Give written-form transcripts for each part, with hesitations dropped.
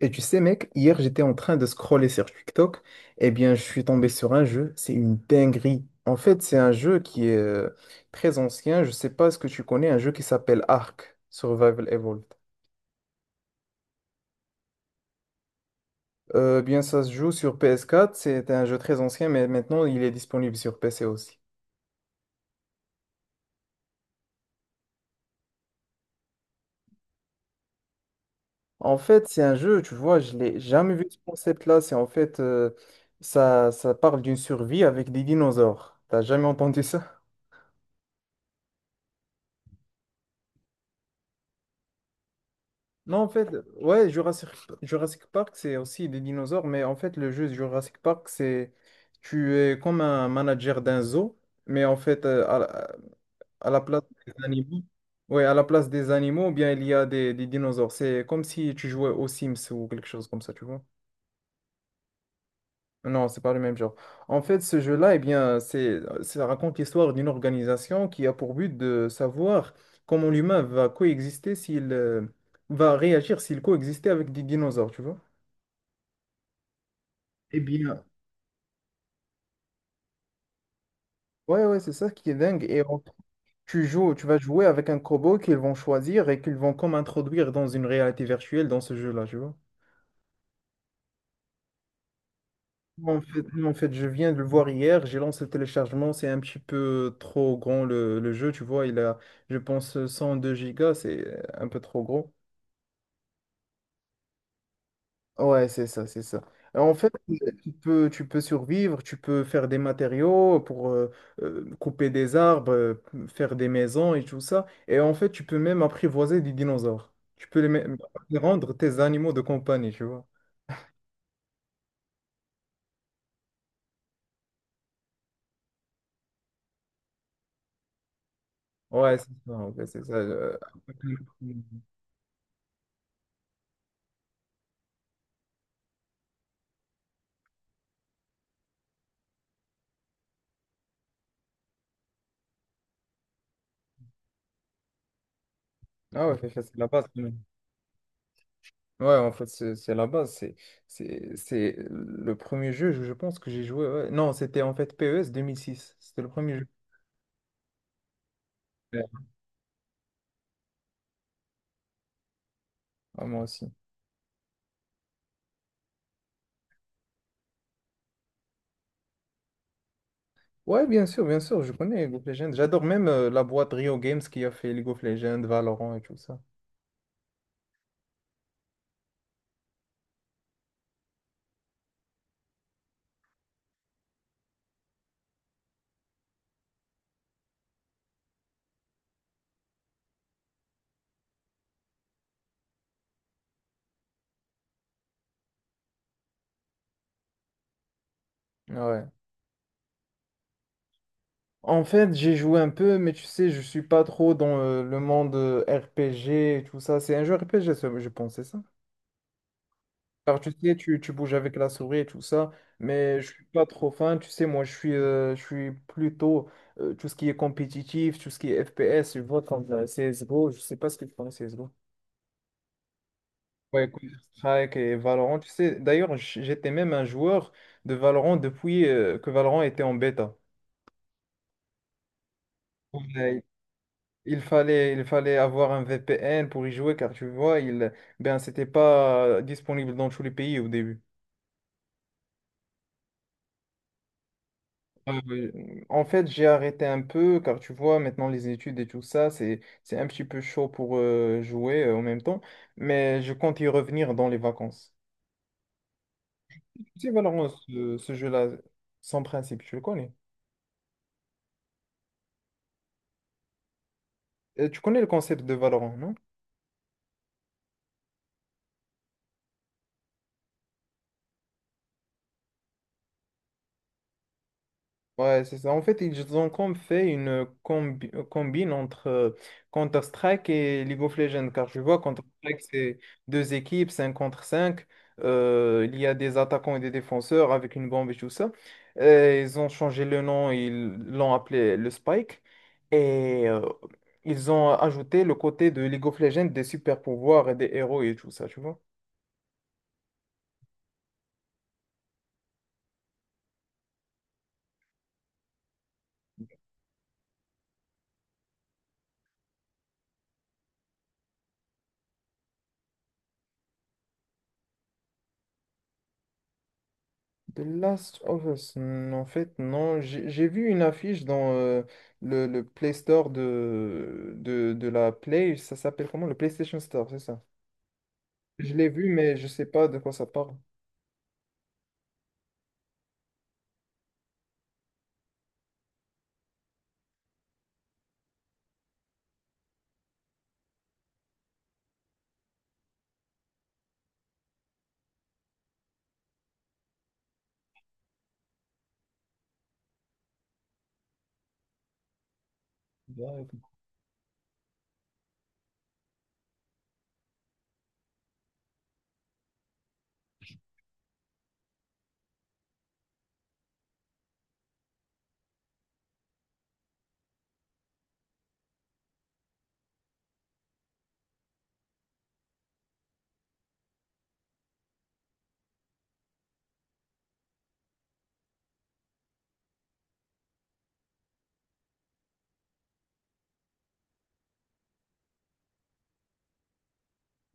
Et tu sais, mec, hier j'étais en train de scroller sur TikTok, et bien je suis tombé sur un jeu, c'est une dinguerie. En fait, c'est un jeu qui est très ancien, je sais pas ce que tu connais, un jeu qui s'appelle Ark, Survival Evolved. Bien ça se joue sur ps quatre. C'est un jeu très ancien, mais maintenant il est disponible sur PC aussi. En fait, c'est un jeu, tu vois, je l'ai jamais vu ce concept-là. C'est en fait, ça parle d'une survie avec des dinosaures. T'as jamais entendu ça? Non, en fait, ouais, Jurassic Park, c'est aussi des dinosaures, mais en fait, le jeu de Jurassic Park, c'est tu es comme un manager d'un zoo, mais en fait, à la place des animaux, ouais, à la place des animaux, bien, il y a des dinosaures. C'est comme si tu jouais aux Sims ou quelque chose comme ça, tu vois. Non, c'est pas le même genre. En fait, ce jeu-là, eh bien, ça raconte l'histoire d'une organisation qui a pour but de savoir comment l'humain va coexister s'il va réagir s'il coexistait avec des dinosaures, tu vois. Eh bien, ouais, ouais, c'est ça qui est dingue. Tu joues, tu vas jouer avec un robot qu'ils vont choisir et qu'ils vont comme introduire dans une réalité virtuelle dans ce jeu-là, tu vois. En fait, je viens de le voir hier, j'ai lancé le téléchargement. C'est un petit peu trop grand le jeu, tu vois. Il a, je pense, 102 gigas, c'est un peu trop gros. Ouais, c'est ça, c'est ça. En fait, tu peux survivre, tu peux faire des matériaux pour couper des arbres, faire des maisons et tout ça. Et en fait, tu peux même apprivoiser des dinosaures. Tu peux les rendre tes animaux de compagnie, tu vois. Ouais, c'est ça, en fait, c'est ça. Ah ouais, c'est ça, c'est la base, quand même. Ouais, en fait, c'est la base. C'est le premier jeu, je pense, que j'ai joué. Ouais. Non, c'était en fait PES 2006. C'était le premier jeu. Ouais. Ah, moi aussi. Ouais, bien sûr, je connais League of Legends. J'adore même la boîte Rio Games qui a fait League of Legends, Valorant et tout ça. Ouais. En fait, j'ai joué un peu, mais tu sais, je suis pas trop dans le monde RPG et tout ça. C'est un jeu RPG, ça, je pense, c'est ça? Car tu sais, tu bouges avec la souris et tout ça, mais je suis pas trop fan. Tu sais, moi, je suis plutôt tout ce qui est compétitif, tout ce qui est FPS, je vois comme CSGO. Je sais pas ce que tu penses de C S G O. Ouais, Counter-Strike et Valorant. Tu sais, d'ailleurs, j'étais même un joueur de Valorant depuis que Valorant était en bêta. Ouais, il fallait avoir un VPN pour y jouer, car tu vois, ben, c'était pas disponible dans tous les pays au début. Ah oui. En fait, j'ai arrêté un peu, car tu vois, maintenant les études et tout ça, c'est un petit peu chaud pour jouer en même temps, mais je compte y revenir dans les vacances. Tu sais, Valorant, ce jeu-là, sans principe, tu le connais. Tu connais le concept de Valorant, non? Ouais, c'est ça. En fait, ils ont comme fait une combine entre Counter-Strike et League of Legends, car je vois Counter-Strike, c'est deux équipes, 5 contre cinq, il y a des attaquants et des défenseurs avec une bombe et tout ça. Et ils ont changé le nom, ils l'ont appelé le Spike, et ils ont ajouté le côté de League of Legends, des super-pouvoirs et des héros et tout ça, tu vois. The Last of Us, en fait, non. J'ai vu une affiche dans le Play Store de la Play. Ça s'appelle comment? Le PlayStation Store, c'est ça. Je l'ai vu, mais je sais pas de quoi ça parle.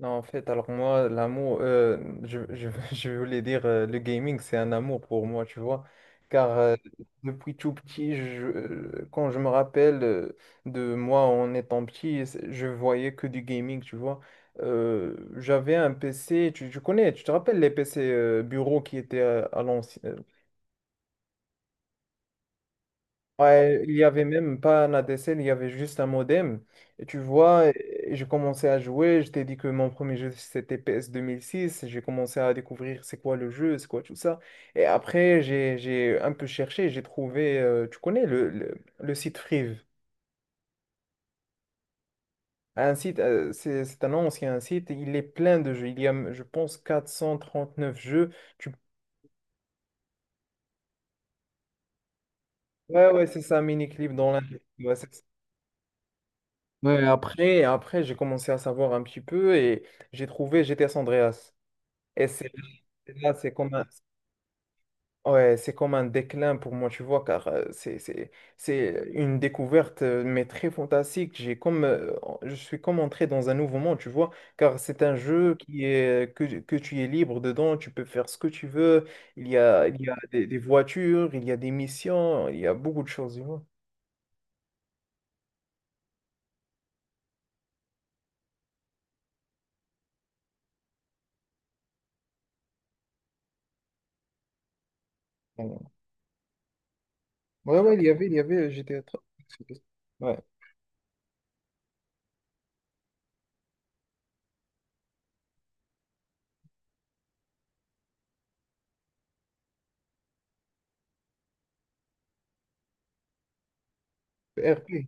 Non, en fait, alors moi, l'amour, je voulais dire, le gaming, c'est un amour pour moi, tu vois. Car depuis tout petit, quand je me rappelle de moi en étant petit, je voyais que du gaming, tu vois. J'avais un PC, tu connais, tu te rappelles les PC bureaux qui étaient à l'ancien. Ouais, il y avait même pas un ADSL, il y avait juste un modem. Et tu vois, et je commençais à jouer. Je t'ai dit que mon premier jeu c'était PS six. J'ai commencé à découvrir c'est quoi le jeu, c'est quoi tout ça. Et après, j'ai un peu cherché, j'ai trouvé, tu connais le site Friv. Un site, c'est un ancien site, il est plein de jeux, il y a, je pense, 439 jeux. Tu... Ouais, ouais, c'est ça, MiniClip dans l'un. Ouais, après j'ai commencé à savoir un petit peu, et j'ai trouvé GTS Andreas. Et c'est là, ouais, c'est comme un déclin pour moi, tu vois, car c'est une découverte, mais très fantastique. Je suis comme entré dans un nouveau monde, tu vois, car c'est un jeu que tu es libre dedans, tu peux faire ce que tu veux. Il y a des voitures, il y a des missions, il y a beaucoup de choses, tu vois. Ouais, ouais, il y avait GTA. Ouais. Le RP.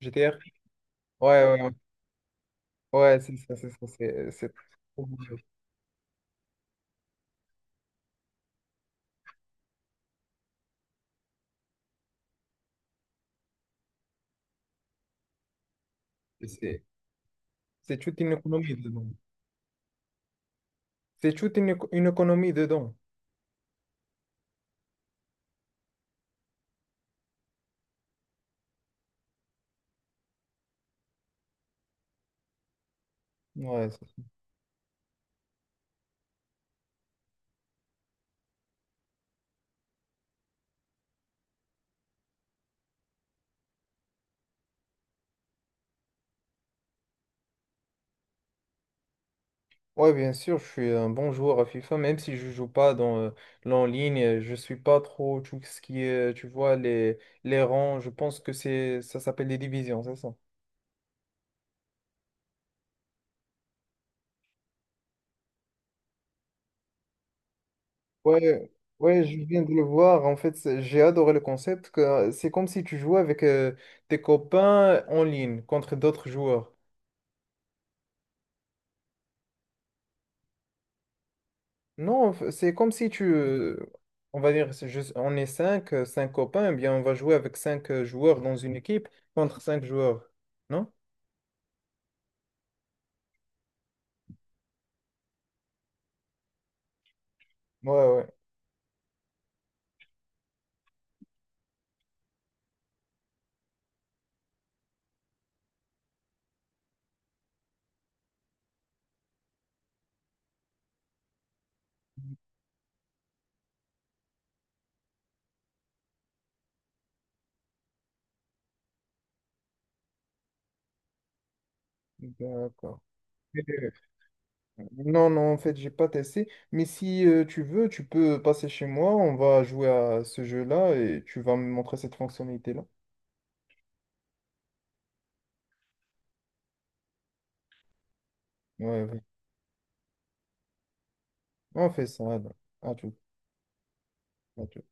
GTR? Ouais, ouais, ouais, ouais, c'est ça, c'est ça, c'est trop bien. C'est- c'est toute une économie dedans. C'est toute une économie dedans. Ouais, c'est ça. Ouais, bien sûr, je suis un bon joueur à FIFA, même si je joue pas dans l'en ligne, je suis pas trop tout ce qui est, tu vois, les rangs, je pense que c'est ça s'appelle les divisions, c'est ça? Ouais, ouais, je viens de le voir. En fait, j'ai adoré le concept que c'est comme si tu jouais avec tes copains en ligne contre d'autres joueurs. Non, c'est comme si on va dire, on est cinq copains, eh bien on va jouer avec cinq joueurs dans une équipe contre cinq joueurs, non? Ouais, ouais, d'accord. Et- euh, Non, non, en fait, j'ai pas testé. Mais si tu veux, tu peux passer chez moi, on va jouer à ce jeu-là et tu vas me montrer cette fonctionnalité-là. Ouais, ouais. On fait ça, alors. À tout. À tout.